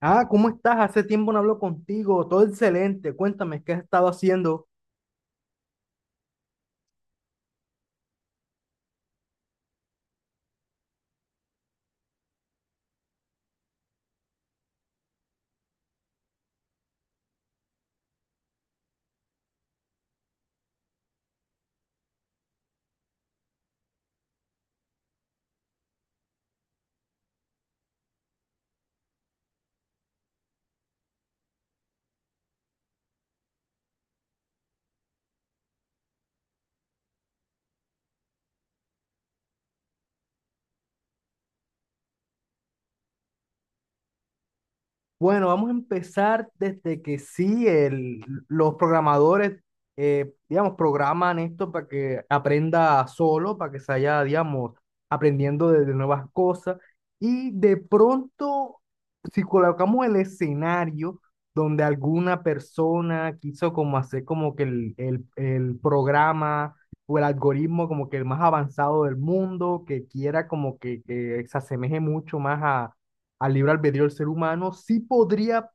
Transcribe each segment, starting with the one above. Ah, ¿cómo estás? Hace tiempo no hablo contigo. Todo excelente. Cuéntame, ¿qué has estado haciendo? Bueno, vamos a empezar desde que sí, los programadores, digamos, programan esto para que aprenda solo, para que se vaya, digamos, aprendiendo de nuevas cosas. Y de pronto, si colocamos el escenario donde alguna persona quiso como hacer como que el programa o el algoritmo como que el más avanzado del mundo, que quiera como que se asemeje mucho más al libre albedrío del ser humano, sí podría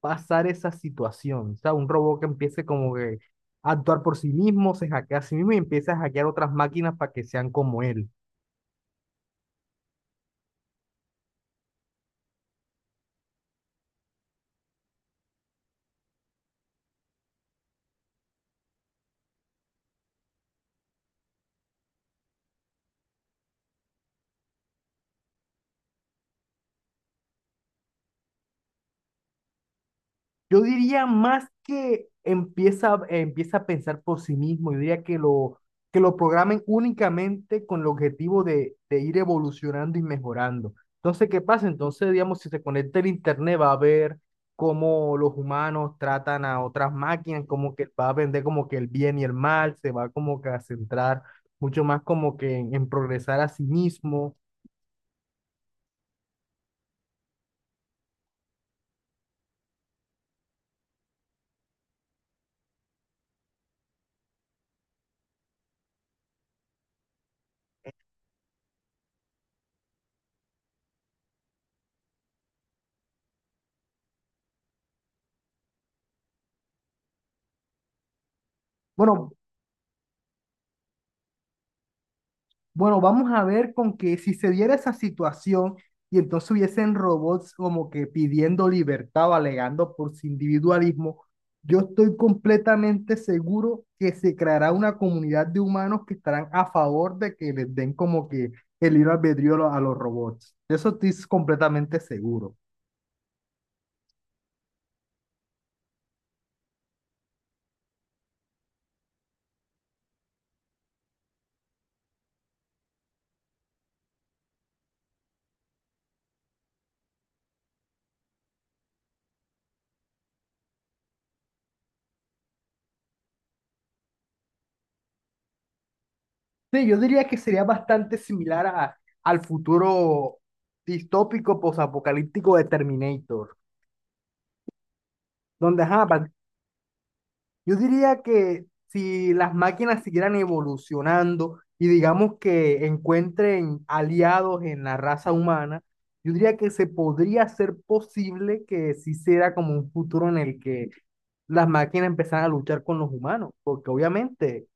pasar esa situación. O sea, un robot que empiece como que a actuar por sí mismo, se hackea a sí mismo y empieza a hackear otras máquinas para que sean como él. Yo diría más que empieza a pensar por sí mismo, yo diría que que lo programen únicamente con el objetivo de ir evolucionando y mejorando. Entonces, ¿qué pasa? Entonces, digamos, si se conecta el internet, va a ver cómo los humanos tratan a otras máquinas, como que va a vender como que el bien y el mal, se va como que a centrar mucho más como que en progresar a sí mismo. Bueno, Bueno, vamos a ver con que si se diera esa situación y entonces hubiesen robots como que pidiendo libertad o alegando por su individualismo, yo estoy completamente seguro que se creará una comunidad de humanos que estarán a favor de que les den como que el libre albedrío a a los robots. De eso estoy completamente seguro. Sí, yo diría que sería bastante similar al futuro distópico posapocalíptico de Terminator, donde ajá, yo diría que si las máquinas siguieran evolucionando y digamos que encuentren aliados en la raza humana, yo diría que se podría hacer posible que sí sea como un futuro en el que las máquinas empezaran a luchar con los humanos, porque obviamente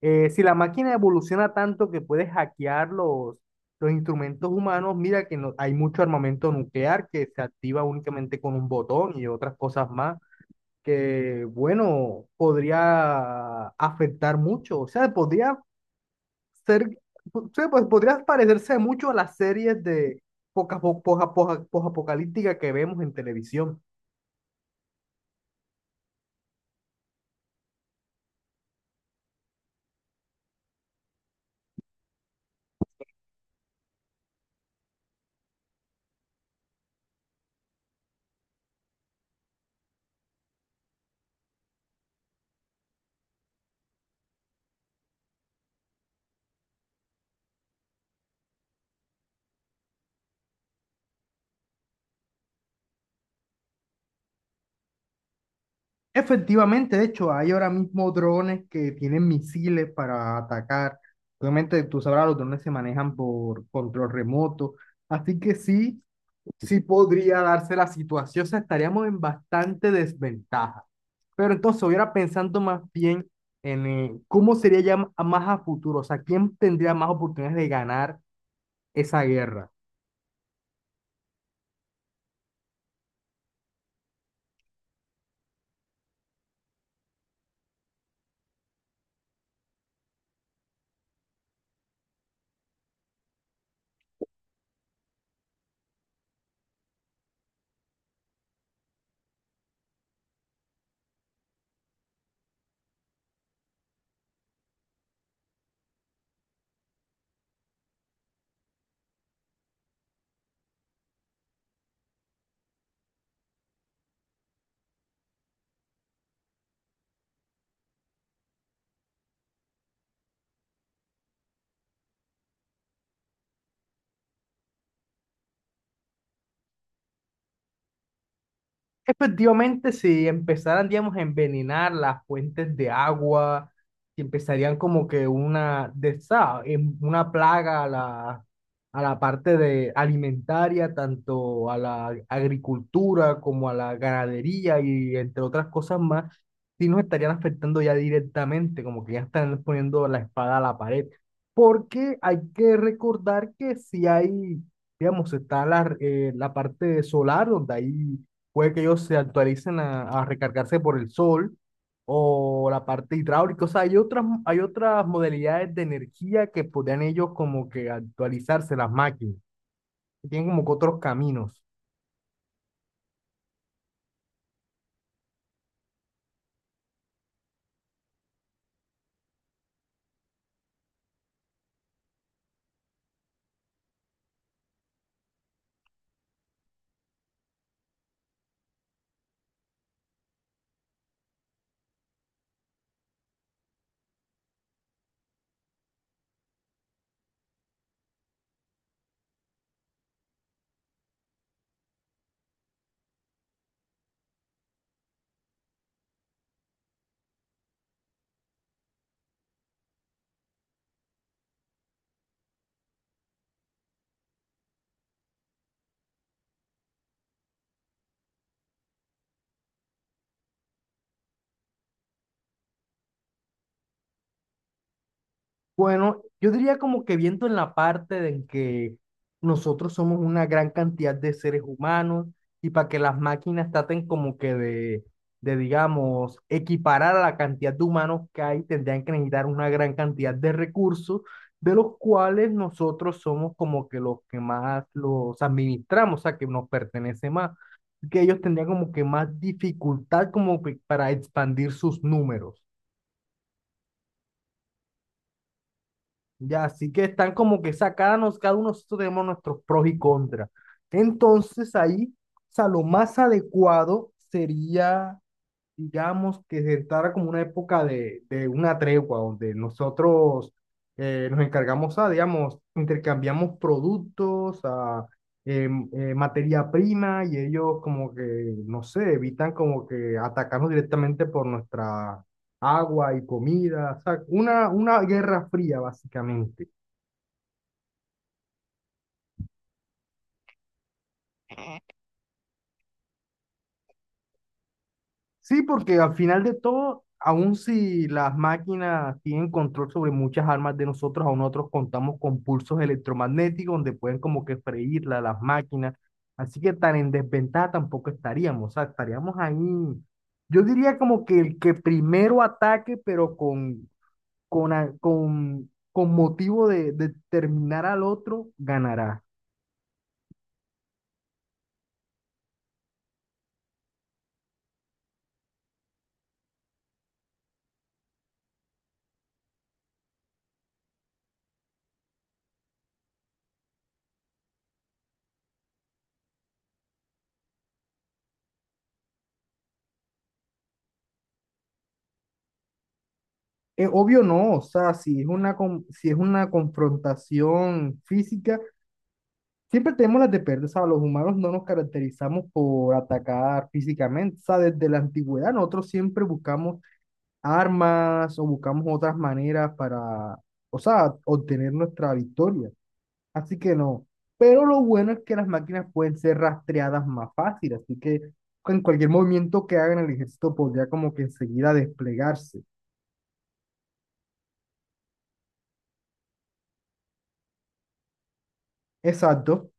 si la máquina evoluciona tanto que puede hackear los instrumentos humanos, mira que hay mucho armamento nuclear que se activa únicamente con un botón y otras cosas más que, bueno, podría afectar mucho. O sea, podría ser, o sea, pues, podría parecerse mucho a las series de poca, po- poja- poja- posapocalíptica que vemos en televisión. Efectivamente, de hecho, hay ahora mismo drones que tienen misiles para atacar. Obviamente, tú sabrás, los drones se manejan por control remoto. Así que sí, sí podría darse la situación, o sea, estaríamos en bastante desventaja. Pero entonces, hubiera pensando más bien en cómo sería ya más a futuro, o sea, quién tendría más oportunidades de ganar esa guerra. Efectivamente, si empezaran, digamos, a envenenar las fuentes de agua, si empezarían como que una, de, esa- em- una plaga a a la parte de alimentaria, tanto a la agricultura como a la ganadería y entre otras cosas más, sí nos estarían afectando ya directamente, como que ya están poniendo la espada a la pared. Porque hay que recordar que si hay, digamos, está la parte solar donde hay puede que ellos se actualicen a recargarse por el sol o la parte hidráulica. O sea, hay hay otras modalidades de energía que podrían ellos como que actualizarse las máquinas, que tienen como que otros caminos. Bueno, yo diría como que viento en la parte de en que nosotros somos una gran cantidad de seres humanos y para que las máquinas traten como que digamos, equiparar a la cantidad de humanos que hay, tendrían que necesitar una gran cantidad de recursos, de los cuales nosotros somos como que los que más los administramos, o sea, que nos pertenece más, que ellos tendrían como que más dificultad como que para expandir sus números. Ya, así que están como que sacarnos, cada uno nosotros tenemos nuestros pros y contras. Entonces ahí, o sea, lo más adecuado sería digamos, que se entrara como una época de una tregua, donde nosotros nos encargamos a, digamos, intercambiamos productos, a materia prima, y ellos como que, no sé, evitan como que atacarnos directamente por nuestra agua y comida, o sea, una guerra fría, básicamente. Sí, porque al final de todo, aun si las máquinas tienen control sobre muchas armas de nosotros, aún nosotros contamos con pulsos electromagnéticos donde pueden como que freírla las máquinas. Así que tan en desventaja tampoco estaríamos. O sea, estaríamos ahí. Yo diría como que el que primero ataque, pero con motivo de terminar al otro, ganará. Es obvio no, o sea, si es si es una confrontación física. Siempre tenemos las de perder, o sea, los humanos no nos caracterizamos por atacar físicamente, o sea, desde la antigüedad nosotros siempre buscamos armas o buscamos otras maneras para, o sea, obtener nuestra victoria. Así que no, pero lo bueno es que las máquinas pueden ser rastreadas más fácil, así que en cualquier movimiento que hagan el ejército podría como que enseguida desplegarse. Exacto.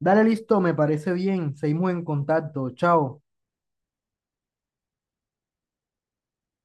Dale listo, me parece bien, seguimos en contacto, chao.